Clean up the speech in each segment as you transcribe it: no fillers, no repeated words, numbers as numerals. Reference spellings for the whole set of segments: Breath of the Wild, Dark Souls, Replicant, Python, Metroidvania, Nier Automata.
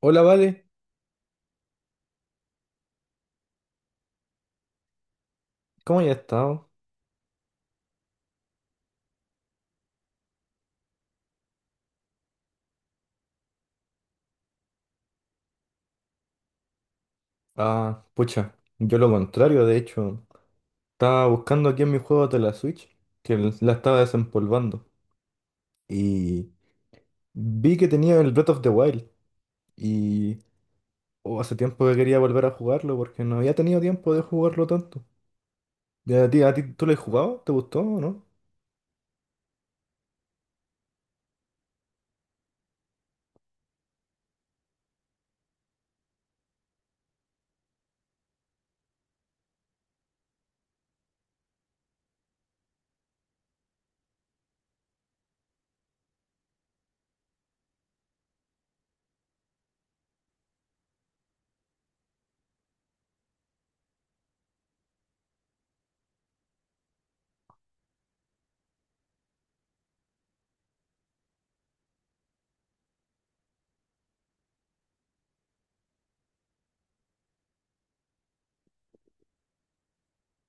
Hola, Vale, ¿cómo has estado? Ah, pucha, yo lo contrario, de hecho, estaba buscando aquí en mis juegos de la Switch, que la estaba desempolvando, y vi que tenía el Breath of the Wild, y oh, hace tiempo que quería volver a jugarlo porque no había tenido tiempo de jugarlo tanto. ¿Y a ti tú lo has jugado? ¿Te gustó o no?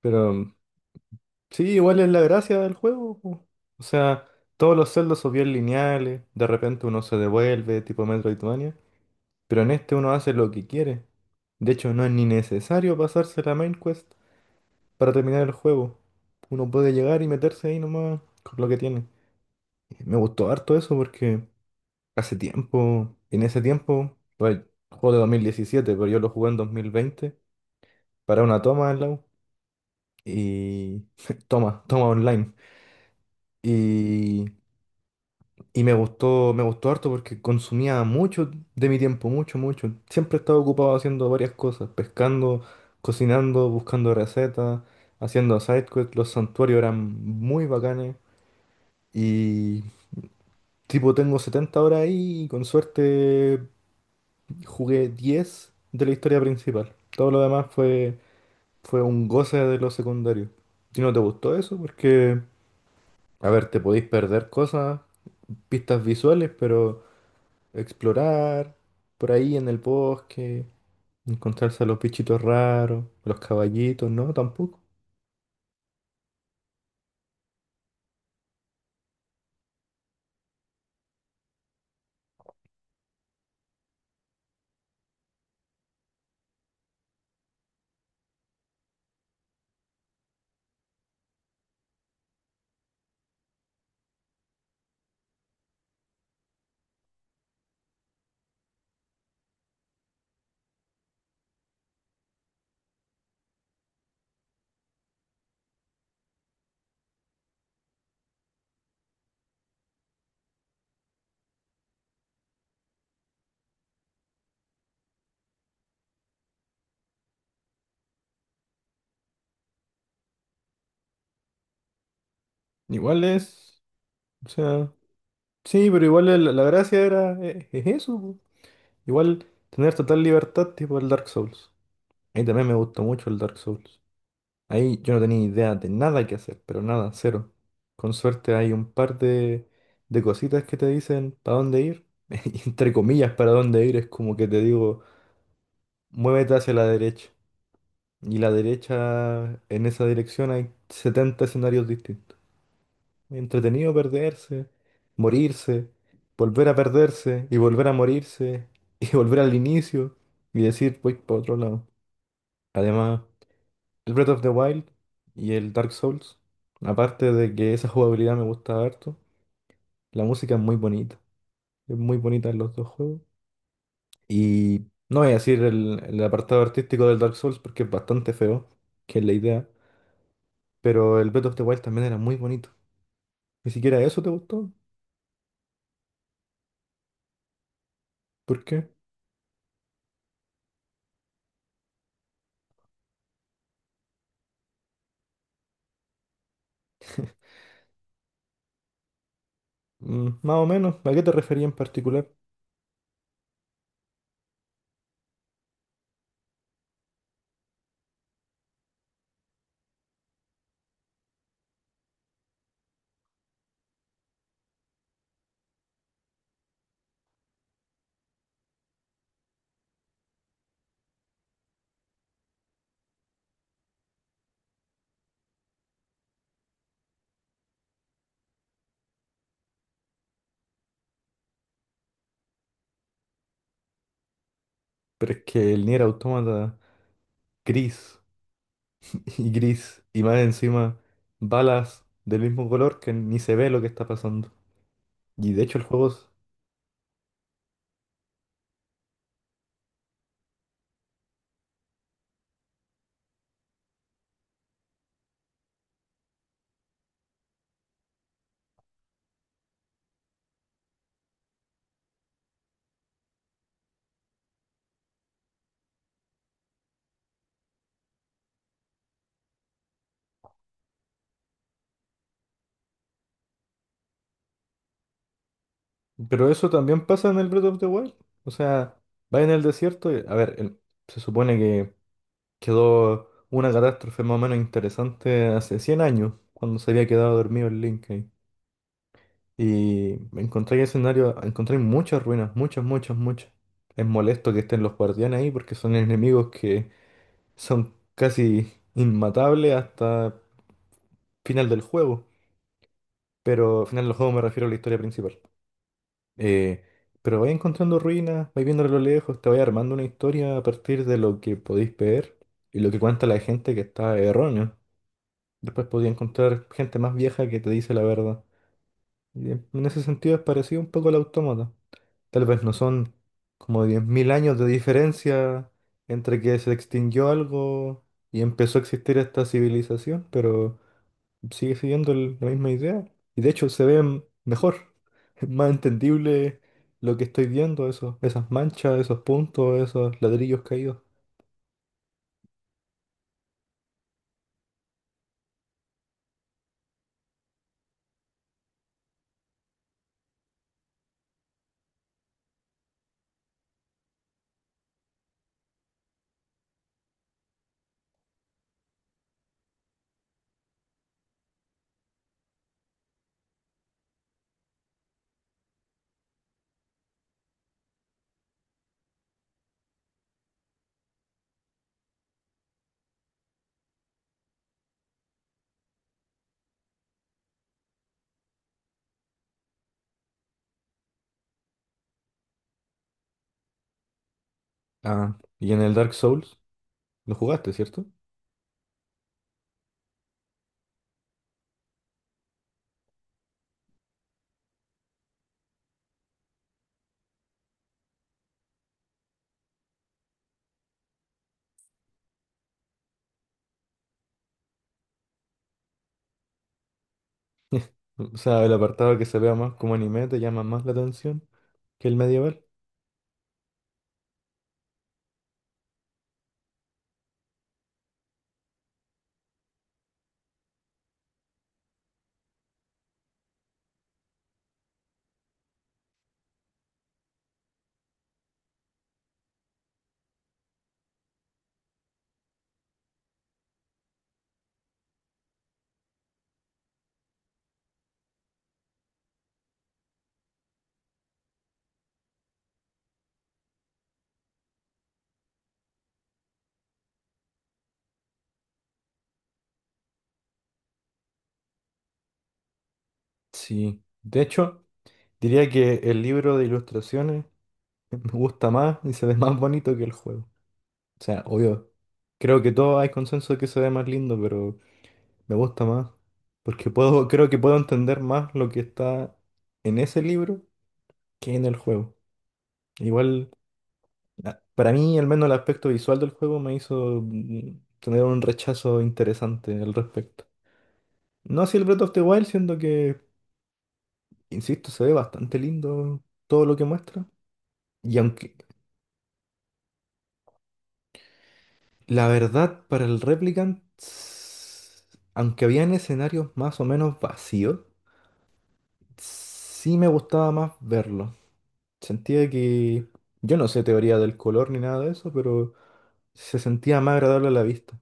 Pero sí, igual es la gracia del juego, po. O sea, todos los celdos son bien lineales, de repente uno se devuelve, tipo Metroidvania. Pero en este uno hace lo que quiere. De hecho, no es ni necesario pasarse la main quest para terminar el juego. Uno puede llegar y meterse ahí nomás con lo que tiene. Me gustó harto eso porque hace tiempo, en ese tiempo, pues, el juego de 2017, pero yo lo jugué en 2020 para una toma en la U. Y toma, toma online. Y Y me gustó harto porque consumía mucho de mi tiempo, mucho, mucho. Siempre estaba ocupado haciendo varias cosas, pescando, cocinando, buscando recetas, haciendo side quests. Los santuarios eran muy bacanes. Y tipo, tengo 70 horas ahí y con suerte jugué 10 de la historia principal. Todo lo demás fue un goce de los secundarios. ¿Y no te gustó eso? Porque, a ver, te podéis perder cosas, pistas visuales, pero explorar por ahí en el bosque, encontrarse a los bichitos raros, a los caballitos, no, tampoco. Igual es, o sea, sí, pero igual la gracia es, eso, po. Igual tener total libertad tipo el Dark Souls. Ahí también me gustó mucho el Dark Souls. Ahí yo no tenía idea de nada que hacer, pero nada, cero. Con suerte hay un par de cositas que te dicen para dónde ir. Entre comillas, para dónde ir es como que te digo, muévete hacia la derecha. Y la derecha, en esa dirección hay 70 escenarios distintos. Entretenido perderse, morirse, volver a perderse y volver a morirse y volver al inicio y decir voy para otro lado. Además, el Breath of the Wild y el Dark Souls, aparte de que esa jugabilidad me gusta harto, la música es muy bonita. Es muy bonita en los dos juegos. Y no voy a decir el apartado artístico del Dark Souls porque es bastante feo, que es la idea. Pero el Breath of the Wild también era muy bonito. ¿Ni siquiera eso te gustó? ¿Por qué? Mm, más o menos. ¿A qué te refería en particular? Pero es que el Nier Automata gris y gris y más encima balas del mismo color que ni se ve lo que está pasando. Y de hecho el juego, pero eso también pasa en el Breath of the Wild. O sea, va en el desierto. Y... A ver, se supone que quedó una catástrofe más o menos interesante hace 100 años cuando se había quedado dormido el Link. Y encontré escenario, encontré muchas ruinas, muchas, muchas, muchas. Es molesto que estén los guardianes ahí porque son enemigos que son casi inmatables hasta final del juego. Pero al final del juego me refiero a la historia principal. Eh, pero vais encontrando ruinas, vais viendo a lo lejos, te vais armando una historia a partir de lo que podéis ver y lo que cuenta la gente que está erróneo. Después podéis encontrar gente más vieja que te dice la verdad. Y en ese sentido es parecido un poco al autómata. Tal vez no son como 10.000 años de diferencia entre que se extinguió algo y empezó a existir esta civilización, pero sigue siguiendo la misma idea. Y de hecho se ve mejor, es más entendible lo que estoy viendo, esas manchas, esos puntos, esos ladrillos caídos. Ah, y en el Dark Souls lo jugaste, ¿cierto? O sea, el apartado que se vea más como anime te llama más la atención que el medieval. Sí, de hecho, diría que el libro de ilustraciones me gusta más y se ve más bonito que el juego. O sea, obvio, creo que todos hay consenso de que se ve más lindo, pero me gusta más. Porque puedo, creo que puedo entender más lo que está en ese libro que en el juego. Igual, para mí, al menos el aspecto visual del juego me hizo tener un rechazo interesante al respecto. No así el Breath of the Wild, siendo que, insisto, se ve bastante lindo todo lo que muestra. Y aunque La verdad, para el Replicant, aunque habían escenarios más o menos vacíos, sí me gustaba más verlo. Sentía que, yo no sé teoría del color ni nada de eso, pero se sentía más agradable a la vista.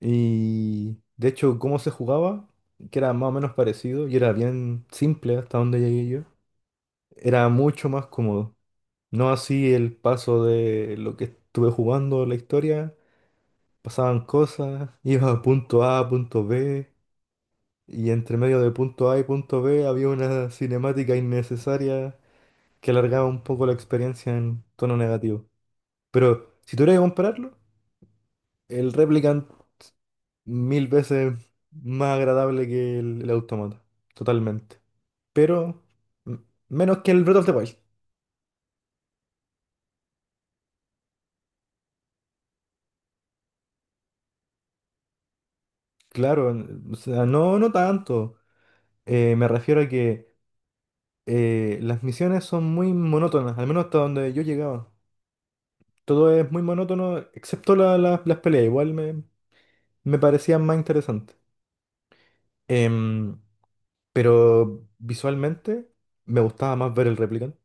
Y de hecho, cómo se jugaba, que era más o menos parecido y era bien simple hasta donde llegué yo, era mucho más cómodo. No así el paso de lo que estuve jugando, la historia. Pasaban cosas, iba a punto A, punto B, y entre medio de punto A y punto B había una cinemática innecesaria que alargaba un poco la experiencia en tono negativo. Pero si tuviera que compararlo, el Replicant mil veces más agradable que el Automata, totalmente. Pero m- menos que el Breath of the Wild, claro, o sea, no, no tanto. Me refiero a que las misiones son muy monótonas, al menos hasta donde yo llegaba. Todo es muy monótono, excepto las peleas, igual me parecían más interesantes. Em, pero visualmente me gustaba más ver el Replicant.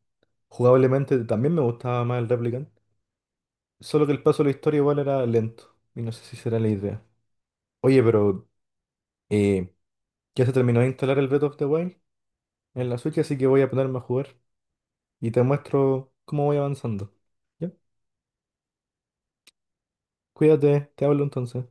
Jugablemente también me gustaba más el Replicant. Solo que el paso de la historia igual era lento. Y no sé si será la idea. Oye, pero eh, ya se terminó de instalar el Breath of the Wild en la Switch, así que voy a ponerme a jugar. Y te muestro cómo voy avanzando. ¿Ya? Cuídate, te hablo entonces.